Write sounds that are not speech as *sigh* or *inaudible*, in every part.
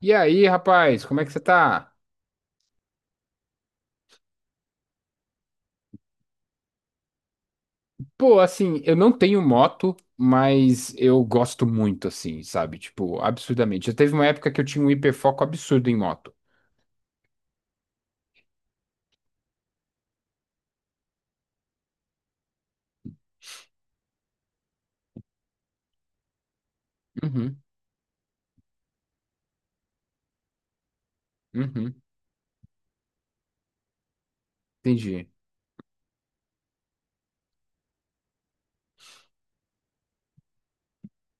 E aí, rapaz, como é que você tá? Pô, assim, eu não tenho moto, mas eu gosto muito, assim, sabe? Tipo, absurdamente. Já teve uma época que eu tinha um hiperfoco absurdo em moto. Uhum, uhum, entendi.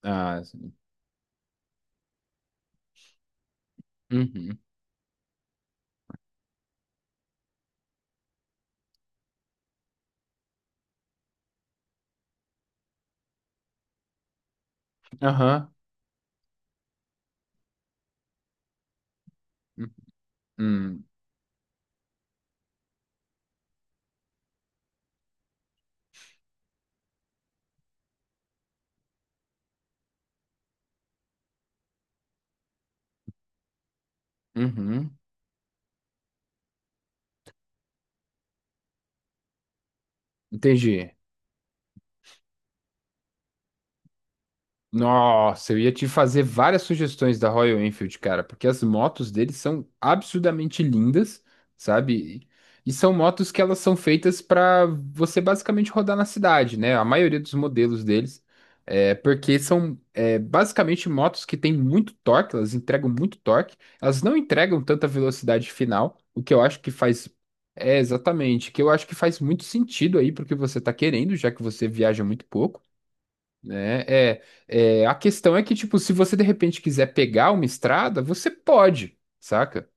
Ah, uhum, aham, uhum, uhum, entendi. Nossa, eu ia te fazer várias sugestões da Royal Enfield, cara, porque as motos deles são absurdamente lindas, sabe? E são motos que elas são feitas para você basicamente rodar na cidade, né? A maioria dos modelos deles, porque são basicamente motos que têm muito torque, elas entregam muito torque, elas não entregam tanta velocidade final, o que eu acho que faz é exatamente, que eu acho que faz muito sentido aí porque você tá querendo, já que você viaja muito pouco, né? É, a questão é que, tipo, se você de repente quiser pegar uma estrada, você pode, saca?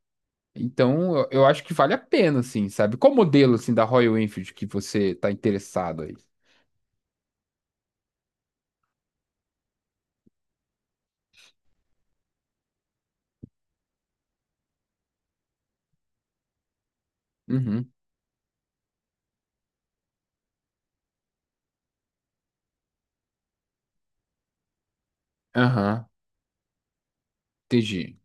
Então, eu acho que vale a pena, assim, sabe? Qual modelo, assim, da Royal Enfield que você tá interessado aí? Uhum, aham, entendi.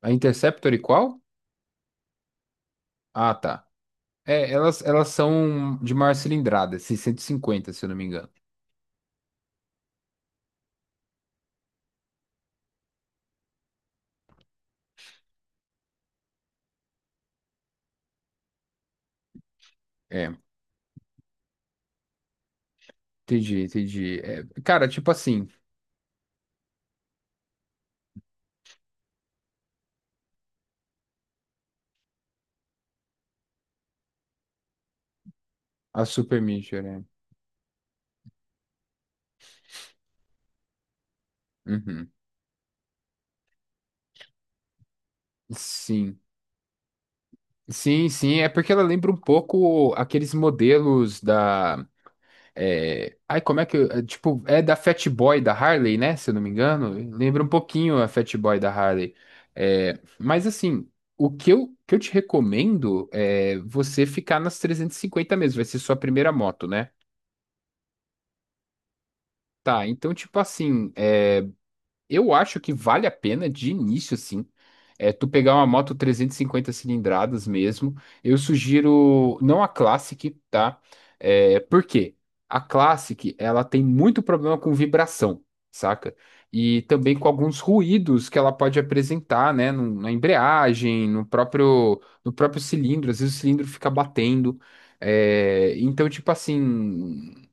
A Interceptor e qual? Ah, tá. É, elas são de maior cilindrada, 650 se eu não me engano. É, entendi, entendi. É, cara, tipo assim, a Super Meteor, né? Uhum. Sim. Sim, sim, é porque ela lembra um pouco aqueles modelos da. É, ai, como é que. Tipo, é da Fat Boy da Harley, né? Se eu não me engano. Lembra um pouquinho a Fat Boy da Harley. É, mas assim, que eu te recomendo é você ficar nas 350 mesmo. Vai ser sua primeira moto, né? Tá, então, tipo assim, eu acho que vale a pena de início, sim. É, tu pegar uma moto 350 cilindradas mesmo. Eu sugiro não a Classic, tá? É, por quê? A Classic, ela tem muito problema com vibração, saca? E também com alguns ruídos que ela pode apresentar, né? Na embreagem, no próprio cilindro. Às vezes o cilindro fica batendo. É, então, tipo assim,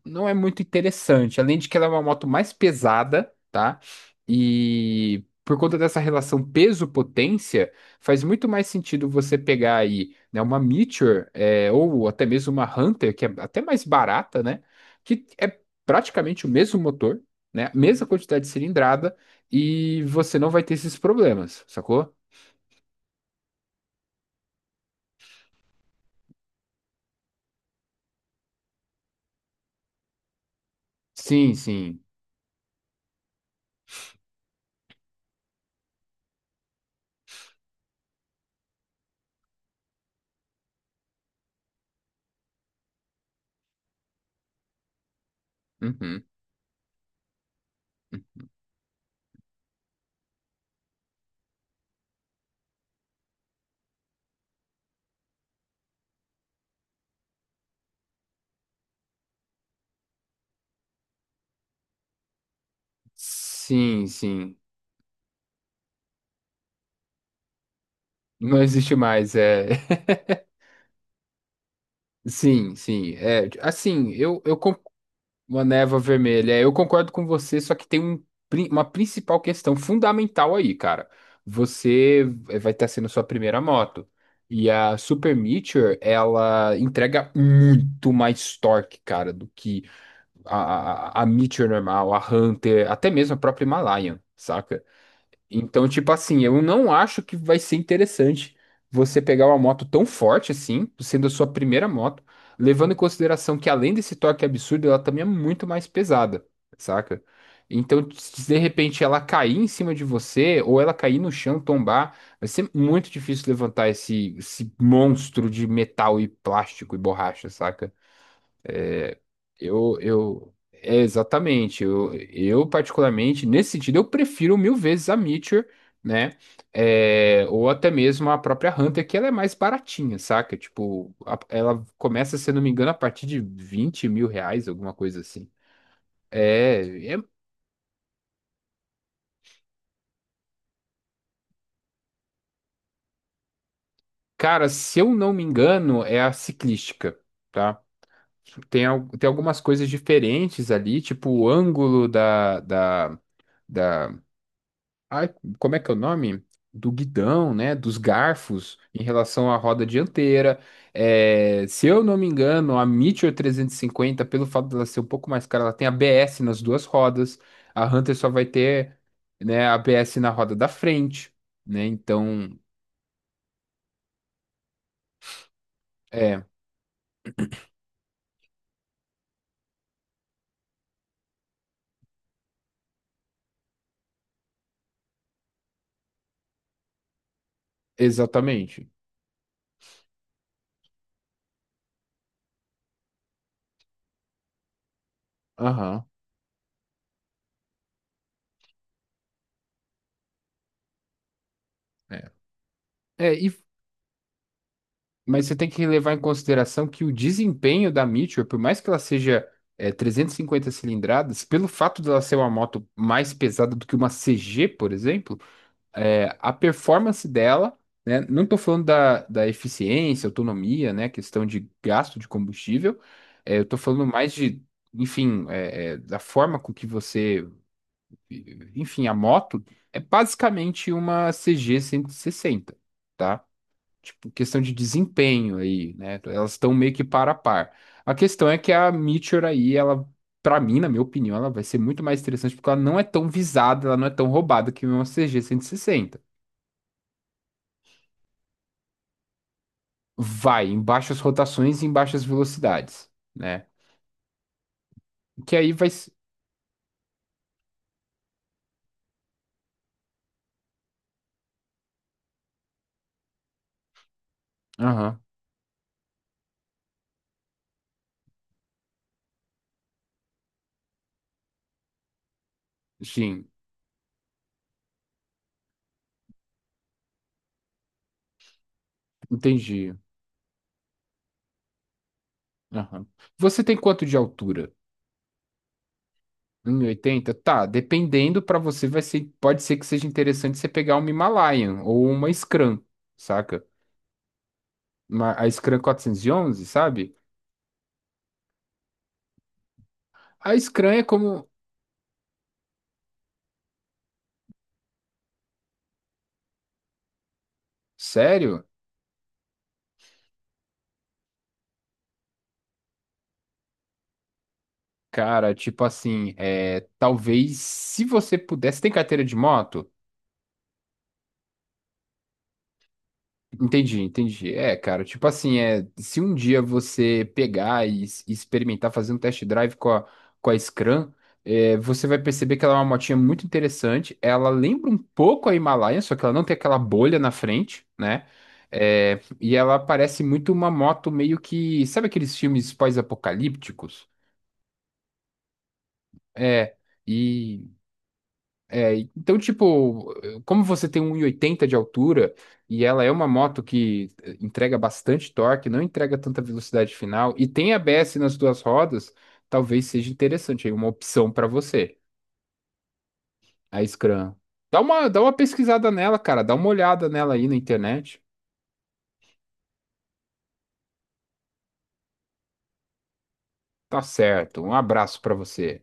não é muito interessante. Além de que ela é uma moto mais pesada, tá? E por conta dessa relação peso-potência, faz muito mais sentido você pegar aí, né, uma Meteor, é, ou até mesmo uma Hunter, que é até mais barata, né? Que é praticamente o mesmo motor, né? Mesma quantidade de cilindrada, e você não vai ter esses problemas, sacou? Sim, sim. Uhum. Sim, sim. Não existe mais, é. *laughs* Sim, sim. É, assim, eu. Uma névoa vermelha. É, eu concordo com você, só que tem um uma principal questão fundamental aí, cara. Você vai estar sendo sua primeira moto. E a Super Meteor, ela entrega muito mais torque, cara, do que a Meteor normal, a Hunter, até mesmo a própria Himalayan, saca? Então, tipo assim, eu não acho que vai ser interessante você pegar uma moto tão forte assim, sendo a sua primeira moto, levando em consideração que além desse torque absurdo, ela também é muito mais pesada, saca? Então, se de repente ela cair em cima de você, ou ela cair no chão, tombar, vai ser muito difícil levantar esse, monstro de metal e plástico e borracha, saca? Exatamente. Eu, particularmente, nesse sentido, eu prefiro mil vezes a Meteor, né? É, ou até mesmo a própria Hunter, que ela é mais baratinha, saca? Tipo, ela começa, se eu não me engano, a partir de 20 mil reais, alguma coisa assim. É, é- Cara, se eu não me engano, é a ciclística, tá? Tem algumas coisas diferentes ali, tipo o ângulo da- ai, como é que é o nome? Do guidão, né? Dos garfos em relação à roda dianteira. É, se eu não me engano, a Meteor 350, pelo fato dela ser um pouco mais cara, ela tem ABS nas duas rodas. A Hunter só vai ter, né, ABS na roda da frente, né? Então, é, exatamente. Aham. É. É, e Mas você tem que levar em consideração que o desempenho da Meteor, por mais que ela seja 350 cilindradas, pelo fato dela ser uma moto mais pesada do que uma CG, por exemplo, é, a performance dela, né, não estou falando da eficiência, autonomia, né, questão de gasto de combustível, é, eu estou falando mais de, enfim, da forma com que você, enfim, a moto é basicamente uma CG 160, tá? Tipo, questão de desempenho aí, né? Elas estão meio que par a par. A questão é que a Meteor aí, ela, pra mim, na minha opinião, ela vai ser muito mais interessante porque ela não é tão visada, ela não é tão roubada que uma CG 60. Vai em baixas rotações e em baixas velocidades, né? Que aí vai. Aham, sim, entendi. Aham. Você tem quanto de altura? 1,80. Tá, dependendo pra você, vai ser, pode ser que seja interessante você pegar uma Himalayan ou uma Scrum, saca? A Scrum 411, sabe? A Scrum é como, sério? Cara, tipo assim, é, talvez se você pudesse, tem carteira de moto? Entendi, entendi. É, cara, tipo assim, é, se um dia você pegar e, e experimentar fazer um test drive com a Scram, é, você vai perceber que ela é uma motinha muito interessante. Ela lembra um pouco a Himalaia, só que ela não tem aquela bolha na frente, né? É, e ela parece muito uma moto meio que. Sabe aqueles filmes pós-apocalípticos? É, e É, então, tipo, como você tem 1,80 de altura e ela é uma moto que entrega bastante torque, não entrega tanta velocidade final e tem ABS nas duas rodas, talvez seja interessante aí, uma opção para você, a Scram. Dá uma pesquisada nela, cara, dá uma olhada nela aí na internet. Tá certo, um abraço para você.